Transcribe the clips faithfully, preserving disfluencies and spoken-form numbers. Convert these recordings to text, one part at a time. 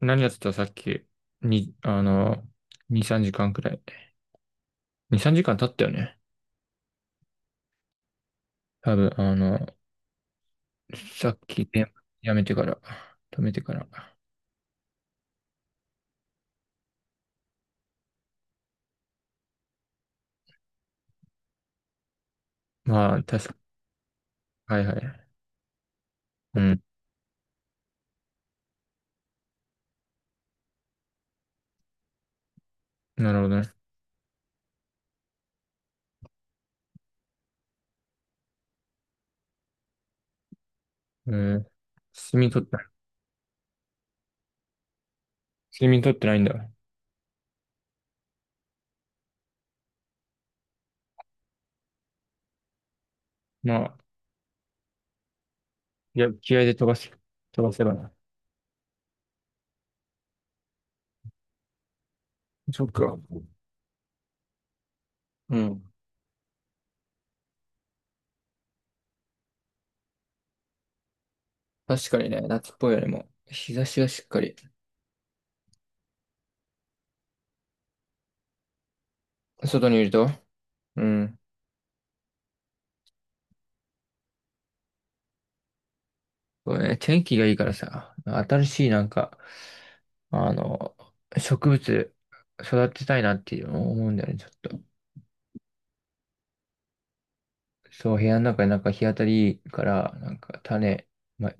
何やってたさっき、に、あの、に、さんじかんくらい。に、さんじかん経ったよね。多分、あの、さっき、ね、やめてから、止めてから。まあ、確か、はいはい。うん、なるほどね。えー、睡眠取った。睡眠取ってないんだ。まあ、いや、気合で飛ばし、飛ばせばな。そっか。うん。確かにね、夏っぽいよりも、日差しがしっかり、外にいると、うん。これね、天気がいいからさ、新しいなんか、あの、植物育てたいなっていう思うんだよね、ちょっと。そう、部屋の中でなんか日当たりいいから、なんか種、ま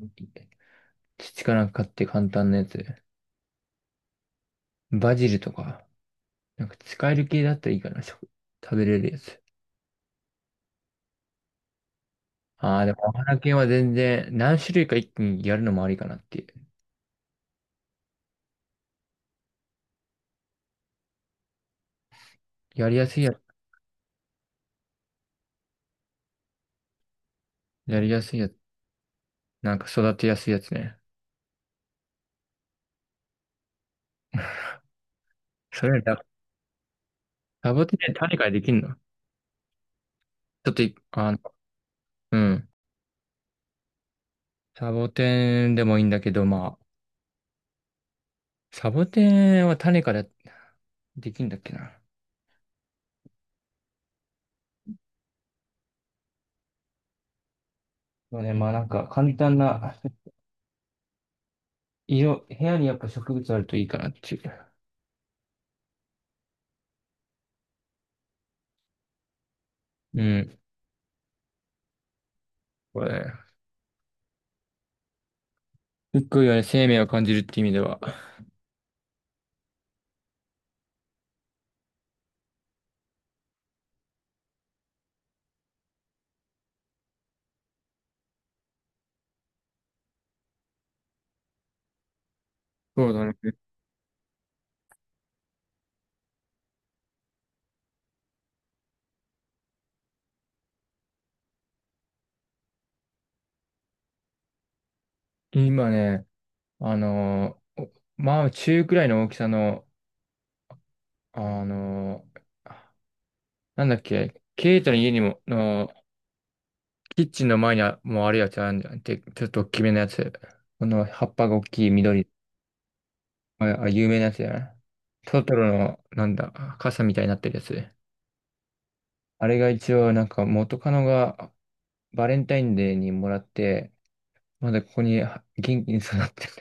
土かなんか買って簡単なやつ。バジルとか、なんか使える系だったらいいかな、食、食べれるやつ。ああ、でもお花系は全然何種類か一気にやるのもありかなっていう。やりやすいやつ、やりやすいやつ、なんか育てやすいやつね。それだ、サボテンって種からできんの？ちょっとい、あの、うん。サボテンでもいいんだけど、まあ、サボテンは種からできんだっけな。そうね、まあなんか簡単な、色、部屋にやっぱ植物あるといいかなっていう。うん。これ、すっごいよね、生命を感じるって意味では。そうだね。今ね、あのー、おまあ中くらいの大きさの、あのー、なんだっけ、ケイトの家にも、の、キッチンの前にあもうあるやつあるんじゃん。で、ちょっと大きめのやつ。この葉っぱが大きい緑の。あ、あ有名なやつやな。トトロの、なんだ、傘みたいになってるやつ。あれが一応、なんか元カノがバレンタインデーにもらって、まだここには元気に育ってる。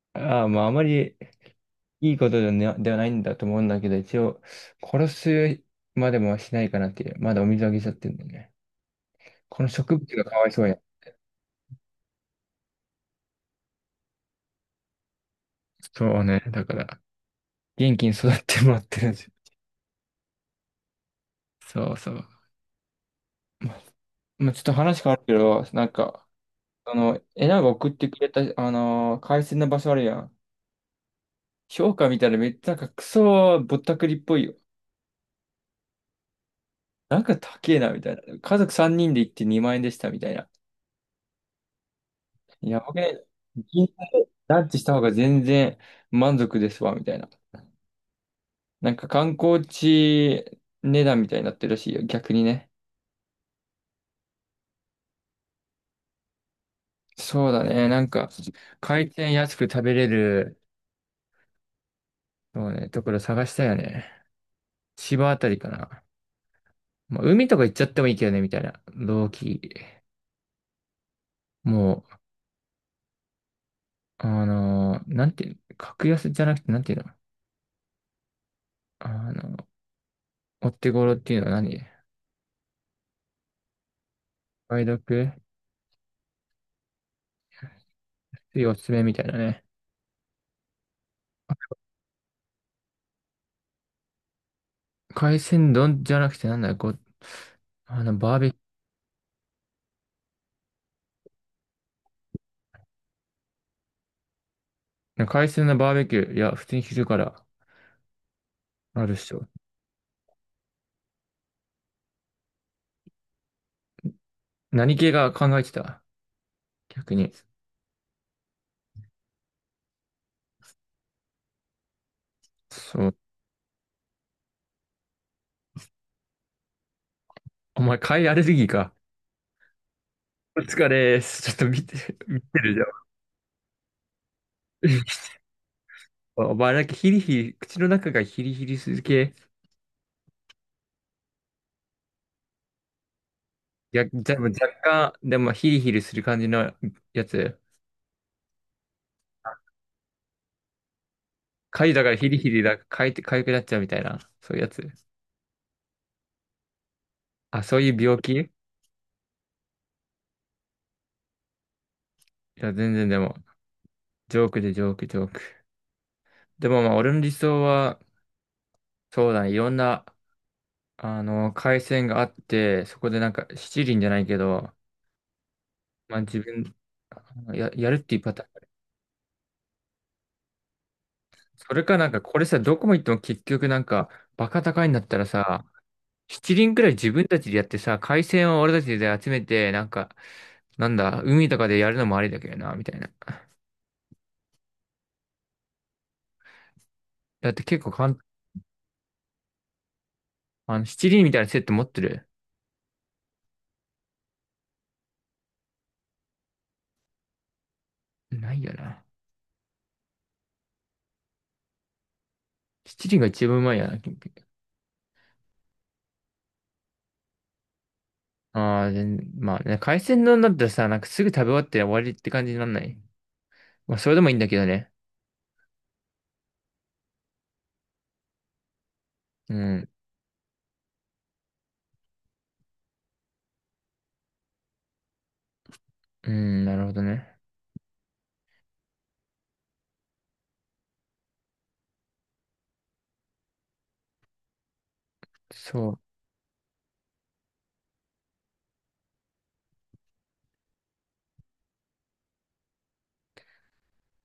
ああ、まああまりいいことではなではないんだと思うんだけど、一応、殺すまでもしないかなっていう。まだお水あげちゃってるんだよね。この植物がかわいそうや。そうね。だから、元気に育ってもらってるんですよ。そうそう。ま、まあ、ちょっと話変わるけど、なんか、あの、えなが送ってくれた、あのー、海鮮の場所あるやん。評価見たらめっちゃなんかクソぼったくりっぽいよ。なんか高えな、みたいな。家族さんにんで行ってにまん円でした、みたいな。やばくない？銀座でランチした方が全然満足ですわ、みたいな。なんか観光地値段みたいになってるらしいよ、逆にね。そうだね、なんか、回転安く食べれる、そうね、ところ探したよね。千葉あたりかな。まあ、海とか行っちゃってもいいけどね、みたいな。同期。もう、あの、なんていうの、格安じゃなくて、なんていうの、あの、お手頃っていうのは何？梅毒ついおすすめみたいなね。海鮮丼じゃなくて、なんだよ、こあの、バーベキュー、海鮮のバーベキュー、いや、普通に昼からあるっしょ。何系が考えてた逆に。そう。お前、貝アレルギーか。お疲れっす。ちょっと見て、見てるじゃん。おお前だけヒリヒリ、口の中がヒリヒリする系。いや、じゃ、若干、でもヒリヒリする感じのやつ。痒いだからヒリヒリだ、かいて、痒くなっちゃうみたいな、そういうやつ。あ、そういう病気？いや、全然でも、ジョークでジョーク、ジョーク。でもまあ、俺の理想は、そうだね、いろんな、あの、回線があって、そこでなんか、七輪じゃないけど、まあ自分、あのや、やるっていうパターン。それかなんか、これさ、どこも行っても結局なんか、バカ高いんだったらさ、七輪くらい自分たちでやってさ、回線を俺たちで集めて、なんか、なんだ、海とかでやるのもありだけどな、みたいな。だって結構簡あの、七輪みたいなセット持ってる？ないよな。七輪が一番うまいよな、キンピ。ああ、全まあね、海鮮丼だったらさ、なんかすぐ食べ終わって終わりって感じになんない。まあ、それでもいいんだけどね。うん、うん、なるほどね。そ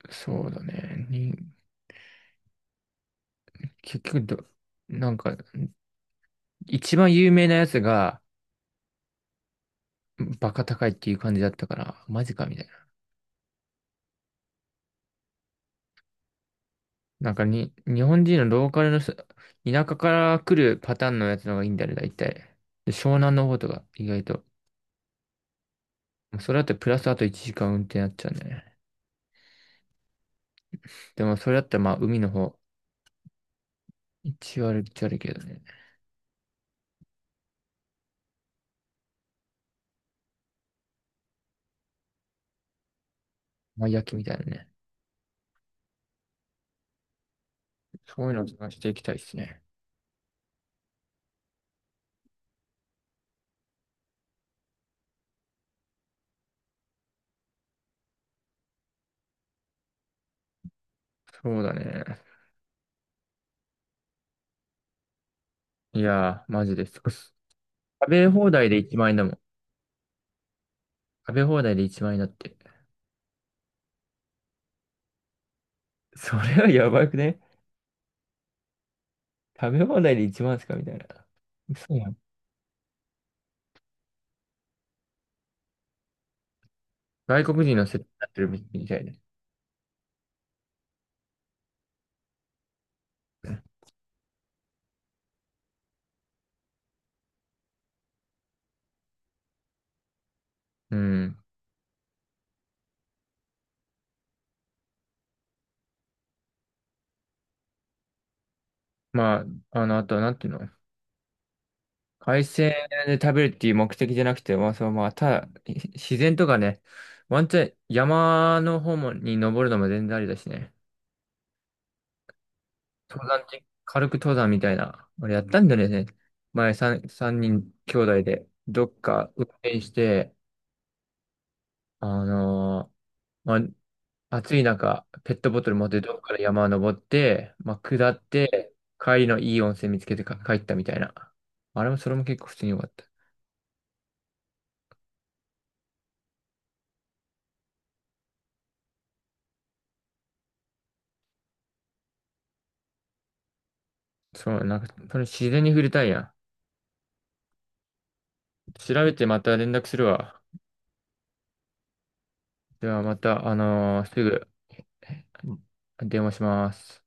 う、そうだね。に、結局ど、なんか、一番有名なやつが、バカ高いっていう感じだったから、マジかみたいな。なんかに、日本人のローカルの人、田舎から来るパターンのやつの方がいいんだよね、大体。で湘南の方とか、意外と。それだってプラスあといちじかん運転になっちゃうね。でもそれだったらまあ海の方、一割一割けどね。まあ焼きみたいなね。そういうの探していきたいですね。そうだね。いやー、マジです。食べ放題でいちまん円だもん。食べ放題でいちまん円だって。それはやばくね？食べ放題でいちまんですかみたいな。嘘やん。外国人の設定になってるみたいで。うん。まあ、あの、あとはなんていうの？海鮮で食べるっていう目的じゃなくて、まあ、そのまあ、ただ、ひ自然とかね、ワンチャン山の方もに登るのも全然ありだしね。登山って、軽く登山みたいな。俺やったんだよね。前さんさんにんきょうだいで、どっか運転して、あのーまあ、暑い中、ペットボトル持ってどっから山登って、まあ、下って、帰りのいい温泉見つけてか帰ったみたいな。あれも、それも結構普通に良かった。そう、なんか、その自然に触れたいやん。調べてまた連絡するわ。ではまた、あのーすぐ電話します。